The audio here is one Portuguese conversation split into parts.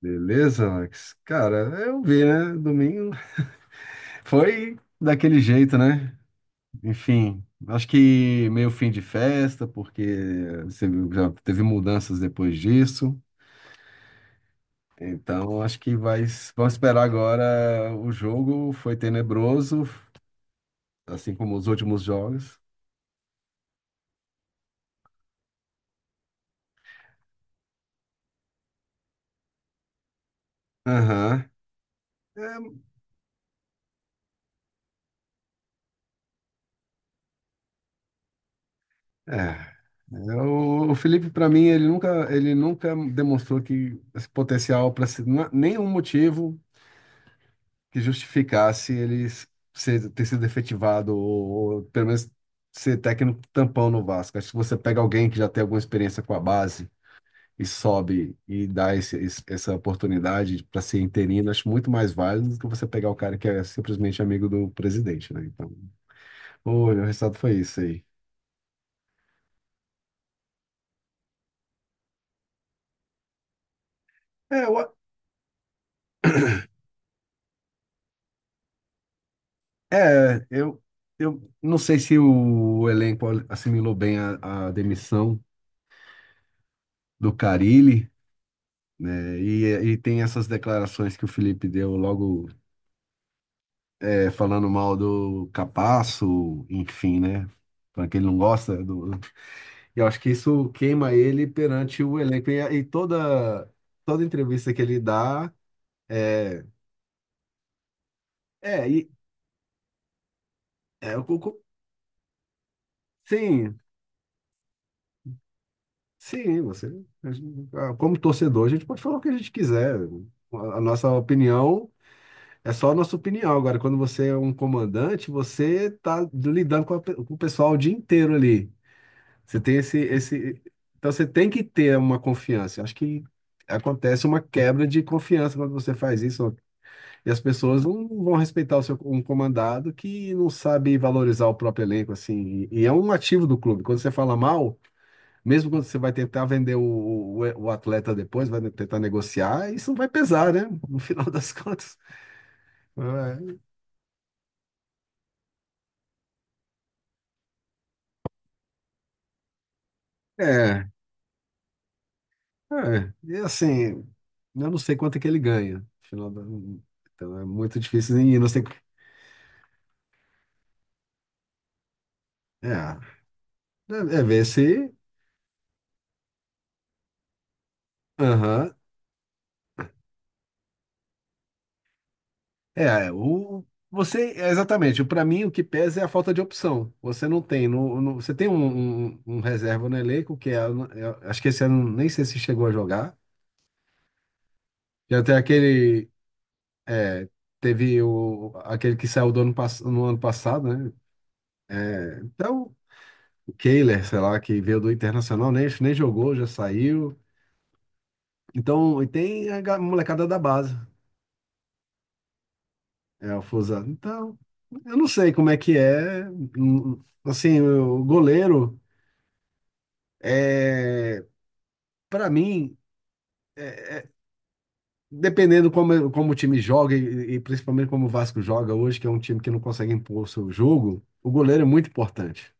Beleza, Alex? Cara, eu vi, né? Domingo foi daquele jeito, né? Enfim, acho que meio fim de festa, porque você viu, já teve mudanças depois disso. Então, acho que vamos esperar agora. O jogo foi tenebroso, assim como os últimos jogos. Aham. É, é. É, o Felipe, para mim, ele nunca demonstrou que esse potencial para ser nenhum motivo que justificasse ele ter sido efetivado ou pelo menos ser técnico tampão no Vasco. Acho que se você pega alguém que já tem alguma experiência com a base e sobe e dá essa oportunidade para ser interino, acho muito mais válido do que você pegar o cara que é simplesmente amigo do presidente, né? Então, olha, o resultado foi isso aí. É, eu, é, eu, eu não sei se o elenco assimilou bem a demissão do Carille, né? E tem essas declarações que o Felipe deu logo falando mal do Capasso, enfim, né? Falando que ele não gosta do. E eu acho que isso queima ele perante o elenco. E toda entrevista que ele dá é. É, é o- o- sim, sim, você. Como torcedor, a gente pode falar o que a gente quiser. A nossa opinião. É só a nossa opinião. Agora, quando você é um comandante, você está lidando com o pessoal o dia inteiro ali. Você tem esse, esse. Então, você tem que ter uma confiança. Eu acho que acontece uma quebra de confiança quando você faz isso. E as pessoas não vão respeitar um comandado que não sabe valorizar o próprio elenco, assim. E é um ativo do clube. Quando você fala mal, mesmo quando você vai tentar vender o atleta depois, vai tentar negociar, isso vai pesar, né? No final das contas. É. É, é, e assim, eu não sei quanto é que ele ganha. Afinal, então é muito difícil nem ir. Não sei. É, é ver se. Aham. É, exatamente, para mim o que pesa é a falta de opção. Você não tem, você tem um, um reserva no elenco, que é, eu acho que esse ano nem sei se chegou a jogar. Já tem aquele, é, teve aquele que saiu do no ano passado, né? É, então, o Kehler, sei lá, que veio do Internacional, nem jogou, já saiu. Então, e tem molecada da base, é o Fusaro. Então, eu não sei como é que é. Assim, o goleiro, é, para mim, é- é- dependendo como o time joga e principalmente como o Vasco joga hoje, que é um time que não consegue impor o seu jogo, o goleiro é muito importante.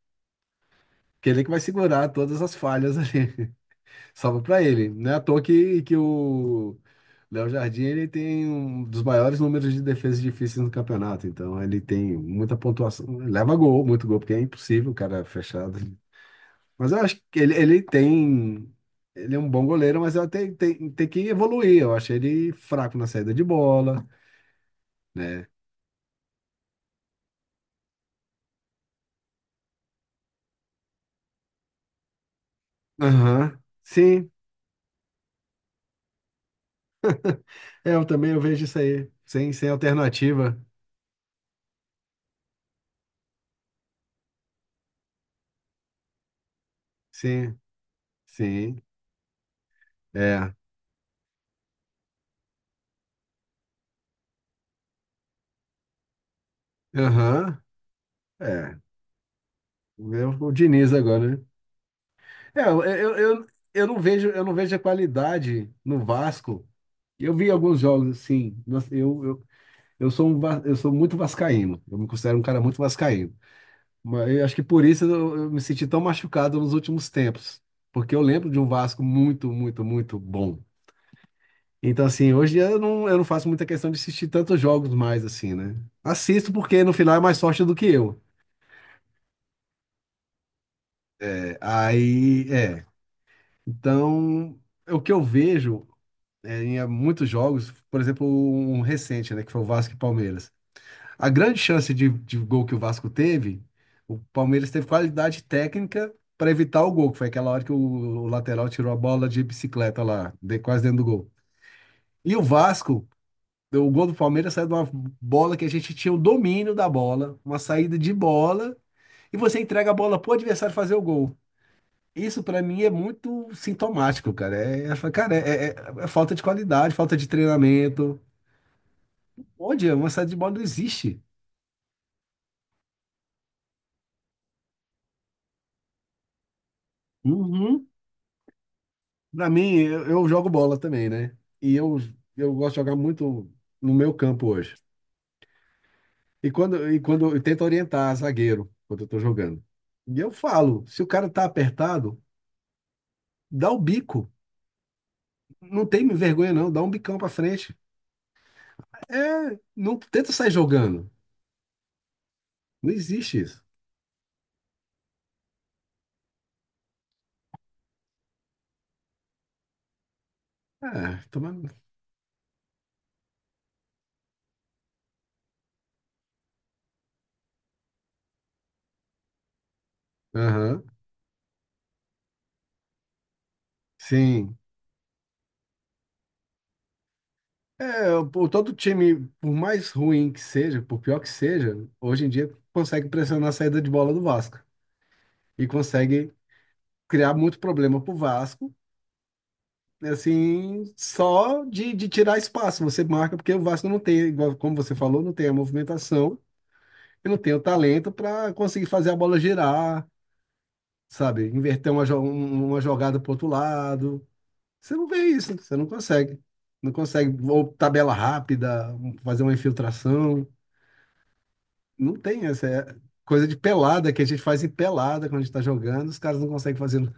Porque ele é que vai segurar todas as falhas ali. Salva para ele. Não é à toa que o Léo Jardim ele tem um dos maiores números de defesas difíceis no campeonato. Então ele tem muita pontuação. Leva gol, muito gol, porque é impossível o cara fechado. Mas eu acho que ele tem. Ele é um bom goleiro, mas ele tem que evoluir. Eu achei ele fraco na saída de bola, né? Aham. Sim. É, Eu também eu vejo isso aí. Sem alternativa. Sim, sim. É. Aham. É. Vê o Diniz agora, né? É, eu não vejo a qualidade no Vasco. Eu vi alguns jogos assim, mas eu sou muito vascaíno. Eu me considero um cara muito vascaíno. Mas eu acho que por isso eu me senti tão machucado nos últimos tempos, porque eu lembro de um Vasco muito, muito, muito bom. Então assim, hoje eu não faço muita questão de assistir tantos jogos mais assim, né? Assisto porque no final é mais sorte do que eu. É, aí, é. Então, o que eu vejo em muitos jogos, por exemplo, um recente, né, que foi o Vasco e Palmeiras. A grande chance de gol que o Vasco teve, o Palmeiras teve qualidade técnica para evitar o gol, que foi aquela hora que o lateral tirou a bola de bicicleta lá, quase dentro do gol. E o Vasco, o gol do Palmeiras saiu de uma bola que a gente tinha o domínio da bola, uma saída de bola, e você entrega a bola pro adversário fazer o gol. Isso para mim é muito sintomático, cara. É, cara, é falta de qualidade, falta de treinamento. Onde? Uma sala de bola não existe. Uhum. Pra mim, eu jogo bola também, né? E eu gosto de jogar muito no meu campo hoje. E quando eu tento orientar zagueiro quando eu tô jogando. E eu falo, se o cara tá apertado, dá o bico. Não tem vergonha, não. Dá um bicão pra frente. É, não tenta sair jogando. Não existe isso. Ah, tomando. Aham. Sim. É, o todo time, por mais ruim que seja, por pior que seja, hoje em dia consegue pressionar a saída de bola do Vasco e consegue criar muito problema pro Vasco, assim, só de tirar espaço. Você marca porque o Vasco não tem, igual como você falou, não tem a movimentação e não tem o talento para conseguir fazer a bola girar, sabe? Inverter uma jogada pro outro lado. Você não vê isso, você não consegue. Não consegue, ou tabela rápida, fazer uma infiltração. Não tem essa coisa de pelada que a gente faz em pelada quando a gente tá jogando, os caras não conseguem fazer.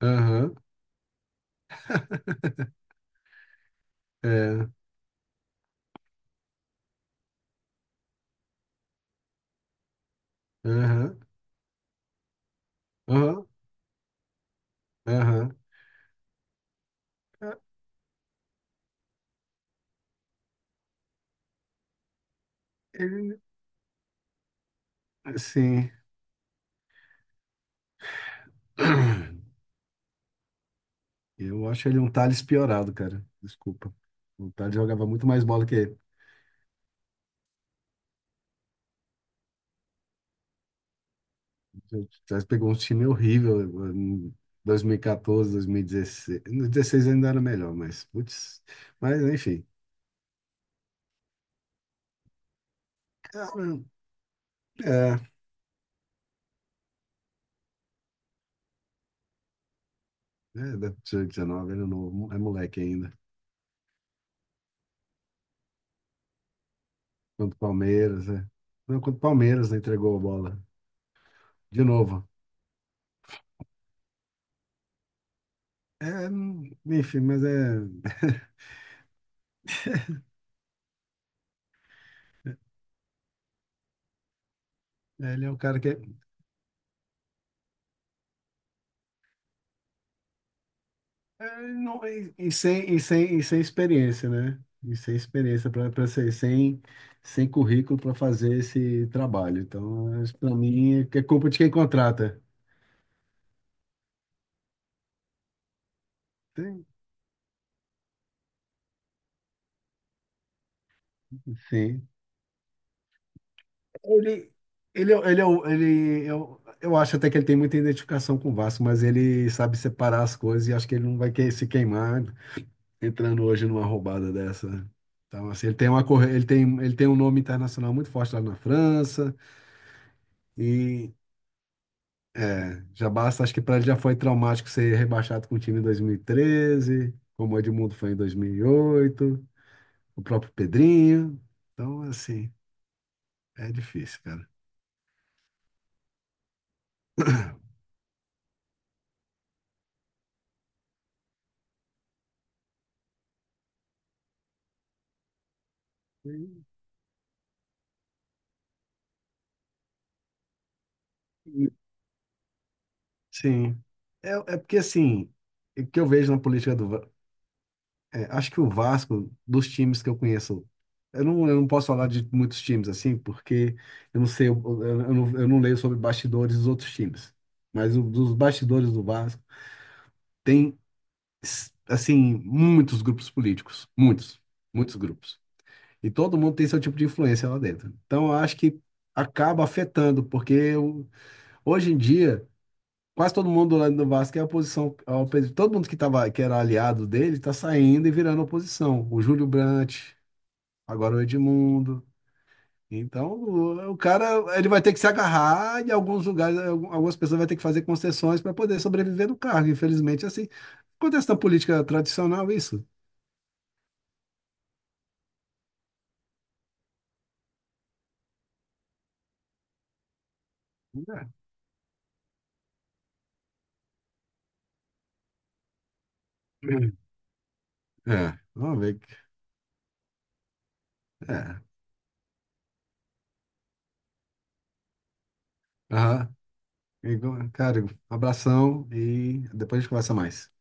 Aham, é, aham, aham, aham. É, Ele, assim, eu acho ele um Thales piorado, cara. Desculpa. O Thales jogava muito mais bola que ele. O Thales pegou um time horrível em 2014, 2016. No 16 ainda era melhor, mas, putz, mas enfim. Cara, é, é, 19, ele é novo, é moleque ainda. Contra o Palmeiras, é. Não, contra o Palmeiras, né, entregou a bola. De novo. É, enfim, mas é. Ele é um cara que. É, é, não, e sem experiência, né? E sem experiência, para ser. Sem currículo para fazer esse trabalho. Então, para mim, é culpa de quem contrata. Tem- Sim. Ele, ele, é o- ele Eu acho até que ele tem muita identificação com o Vasco, mas ele sabe separar as coisas e acho que ele não vai querer se queimar entrando hoje numa roubada dessa, né? Então, assim, ele tem ele tem, um nome internacional muito forte lá na França e já basta, acho que para ele já foi traumático ser rebaixado com o time em 2013, como o Edmundo foi em 2008, o próprio Pedrinho. Então, assim, é difícil, cara. E- e- Sim. É, é porque, assim, o que eu vejo na política do, É, acho que o Vasco, dos times que eu conheço, eu não posso falar de muitos times assim, porque eu não sei, eu não leio sobre bastidores dos outros times. Mas dos bastidores do Vasco, tem, assim, muitos grupos políticos. Muitos. Muitos grupos. E todo mundo tem seu tipo de influência lá dentro. Então, eu acho que acaba afetando, porque hoje em dia, quase todo mundo lá do Vasco é oposição ao presidente. Todo mundo que era aliado dele está saindo e virando oposição. O Júlio Brandt. Agora o Edmundo. Então, o cara, ele vai ter que se agarrar em alguns lugares, algumas pessoas vão ter que fazer concessões para poder sobreviver no cargo. Infelizmente, é assim, acontece na política tradicional isso. É, é, vamos ver. É. Aham. Cara, abração e depois a gente conversa mais.